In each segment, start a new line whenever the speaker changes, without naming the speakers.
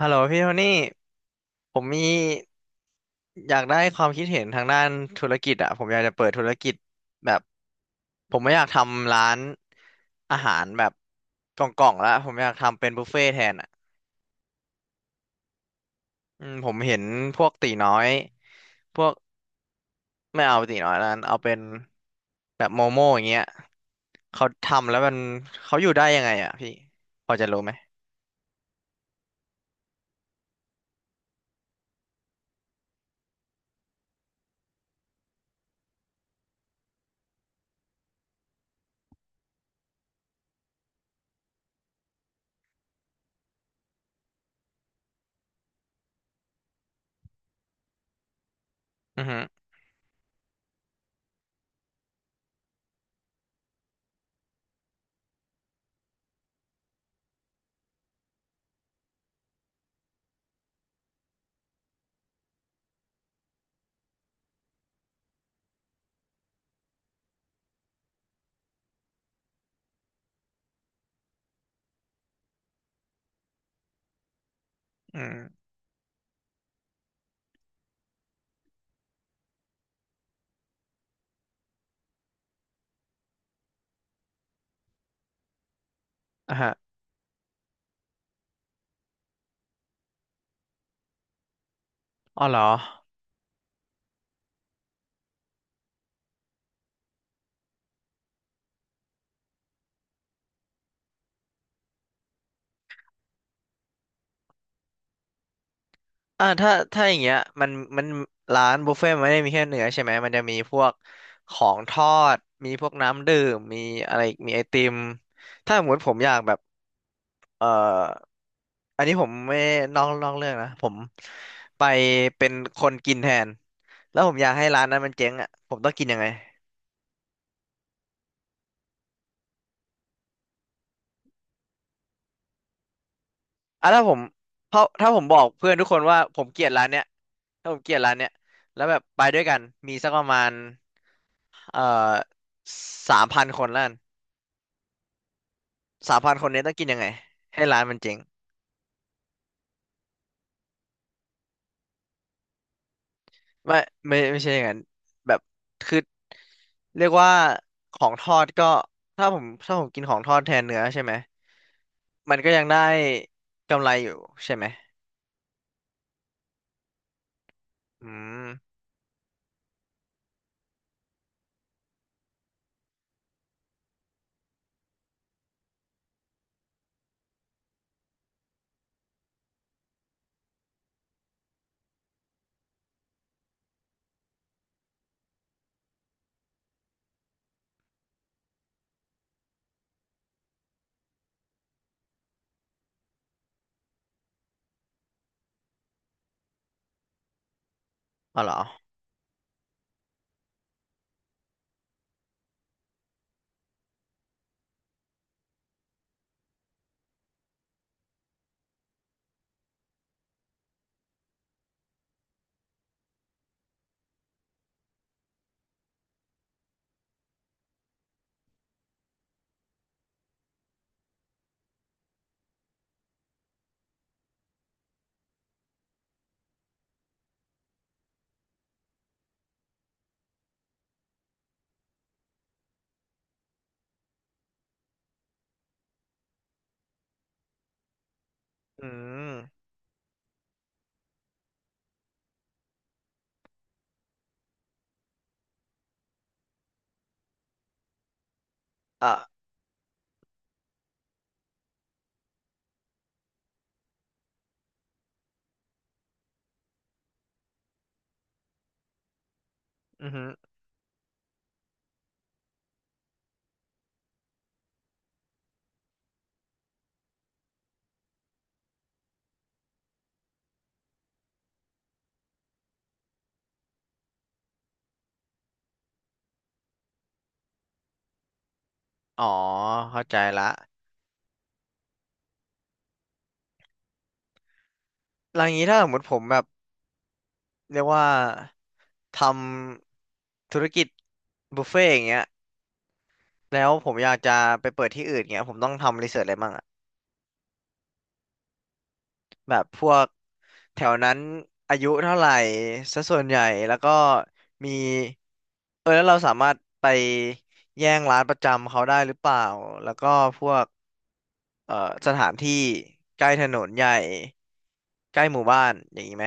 ฮัลโหลพี่โทนี่ผมมีอยากได้ความคิดเห็นทางด้านธุรกิจอ่ะผมอยากจะเปิดธุรกิจแบบผมไม่อยากทำร้านอาหารแบบกล่องๆแล้วผมอยากทำเป็นบุฟเฟ่ต์แทนอ่ะอืมผมเห็นพวกตีน้อยพวกไม่เอาตีน้อยแล้วกันเอาเป็นแบบโมโม่อย่างเงี้ยเขาทำแล้วมันเขาอยู่ได้ยังไงอ่ะพี่พอจะรู้ไหมอือฮึอืมอ่ะฮะอ๋อเหรอ อ่าถ้าอย่างเงี้ยมันมันร้านบุฟเฟ่ต์มันไม่ได้มีแค่เนื้อใช่ไหมมันจะมีพวกของทอดมีพวกน้ำดื่มมีอะไรอีกมีไอติมถ้าสมมติผมอยากแบบเอ่ออันนี้ผมไม่นอกเรื่องนะผมไปเป็นคนกินแทนแล้วผมอยากให้ร้านนั้นมันเจ๊งอ่ะผมต้องกินยังไงอ่ะถ้าผมเพราะถ้าผมบอกเพื่อนทุกคนว่าผมเกลียดร้านเนี้ยถ้าผมเกลียดร้านเนี้ยแล้วแบบไปด้วยกันมีสักประมาณ เอ่อ3,000 คนล้านสามพันคนนี้ต้องกินยังไงให้ร้านมันเจ๊งไม่ไม่ใช่อย่างนั้นแบบคือเรียกว่าของทอดก็ถ้าผมกินของทอดแทนเนื้อใช่ไหมมันก็ยังได้กำไรอยู่ใช่ไหมอืมอ๋อเหรออืมอ่ะอือหืออ๋อเข้าใจละแล้วอย่างนี้ถ้าสมมติผมแบบเรียกว่าทำธุรกิจบุฟเฟ่ต์อย่างเงี้ย แล้วผมอยากจะไปเปิดที่อื่นเงี้ยผมต้องทำรีเสิร์ชอะไรบ้างอะแบบพวกแถวนั้นอายุเท่าไหร่ซะส่วนใหญ่แล้วก็มีเออแล้วเราสามารถไปแย่งร้านประจำเขาได้หรือเปล่าแล้วก็พวกเอ่อสถานที่ใกล้ถนนใหญ่ใกล้หมู่บ้านอย่างนี้ไหม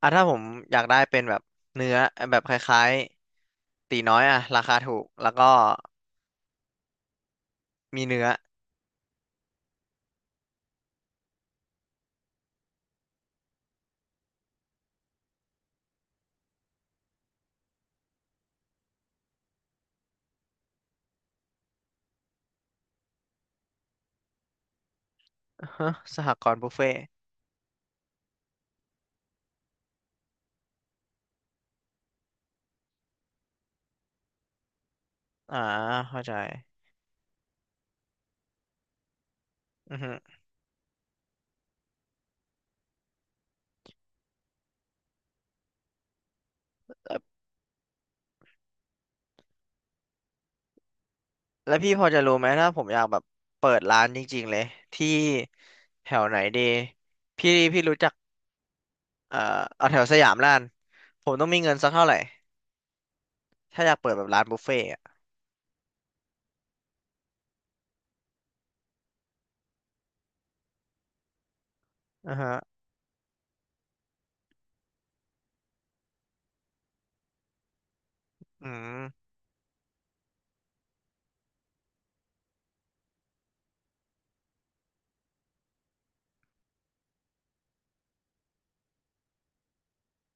อ่ะถ้าผมอยากได้เป็นแบบเนื้อแบบคล้ายๆตีน้อยอะราคาถูกแล้วก็มีเนื้อ ฮะสหกรณ์บุฟเฟ่ต์อ่าเข้าใจอือฮึ แล้วพี่พอจะรู้ไหมถ้าผมอยากแบบเปิดร้านจริงๆเลยที่แถวไหนดีพี่รู้จักเอ่อเอาแถวสยามล้านผมต้องมีเงินสักเท่าไหร่ถ้าอยากเปิดแบบร้านบุฟเฟ่ต์อะอ่าฮะอืม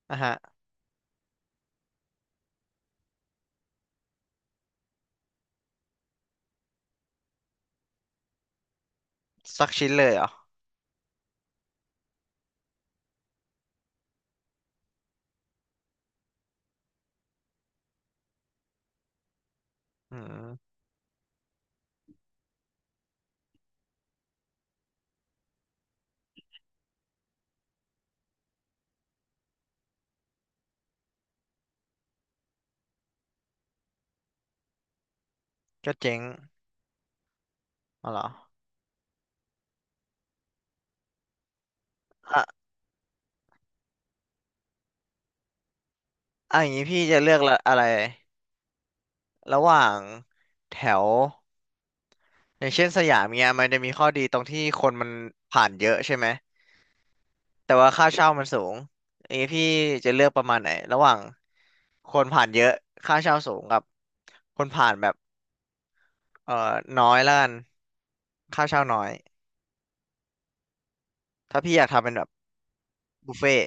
อ่าฮะสักชิ้นเลยเหรออืมก็เจ๊งอ๋อเหรออ่ะอ่ะอย่างนี้พี่จะเลือกละอะไรระหว่างแถวอย่างเช่นสยามเงี้ยมันจะมีข้อดีตรงที่คนมันผ่านเยอะใช่ไหม แต่ว่าค่าเช่ามันสูงอย่างนี้พี่จะเลือกประมาณไหนระหว่างคนผ่านเยอะค่าเช่าสูงกับคนผ่านแบบเอ่อน้อยแล้วกันค่าเช่าน้อยถ้าพี่อยากทำเป็นแบบบุฟเฟ่ต์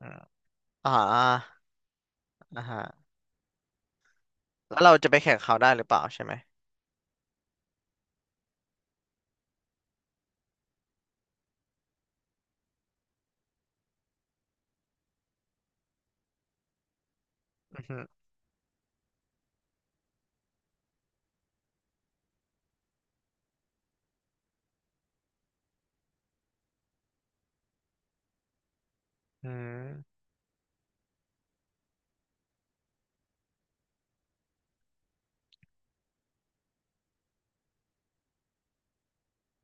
อมอ่าอ่าฮะแล้วเราจะไปแข่งเขาได้หรือเปล่าใช่ไหมอือฮึอืม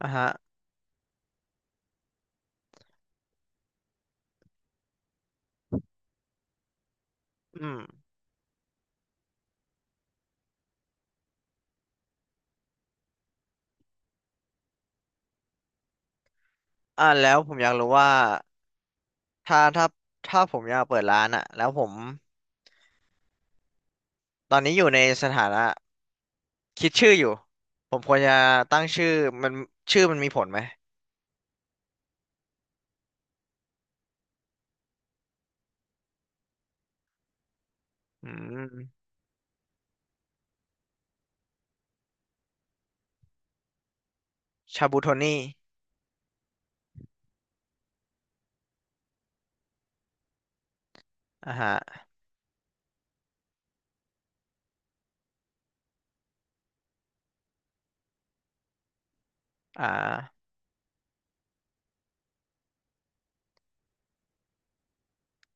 อ่าฮะอืมอ่าแล้วผมอยากรู้ว่าถ้าถ้าผมอยากเปิดร้านอะแล้วผมตอนนี้อยู่ในสถานะคิดชื่ออยู่ผมควรจะตั้งชื่อมันชื่อมันมีผลไหม อืมชาบูโทนี่อ่าฮะอ่า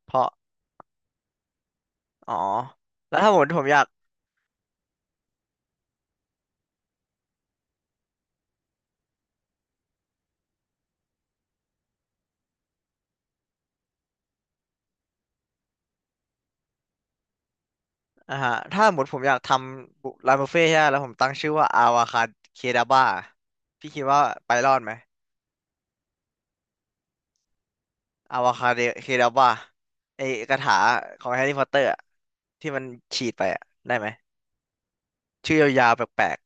เพราะอ๋อแล้วถ้าหมดผมอยากอ่าฮะถ้าหมดผมอยากทำบุร้านบุฟเฟ่ต์ใช่ไหมแล้วผมตั้งชื่อว่าอาวาคาเคดาบ้าพี่คิดว่าไปรอดไหมอาวาคาเคดาบ้าไอกระถาของแฮร์รี่พอตเตอร์อะที่มันฉีดไปอะได้ไหมชื่อยาวๆแปลก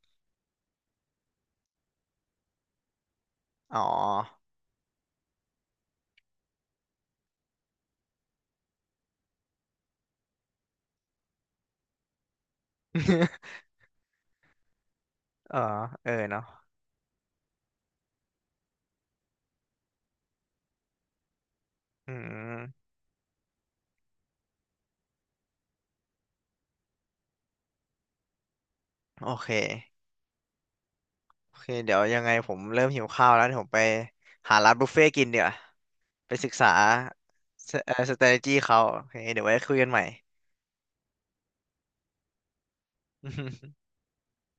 ๆอ๋อ เออเออเนาะอืมโอเคโอเคเดี๋ยวยังไงผมเริ่มหิวข้าวแล้วเดี๋ยวผมไปหาร้านบุฟเฟ่ต์กินเดี๋ยว ไปศึกษาสstrategy เขาโอเคเดี๋ยวไว้คุยกันใหม่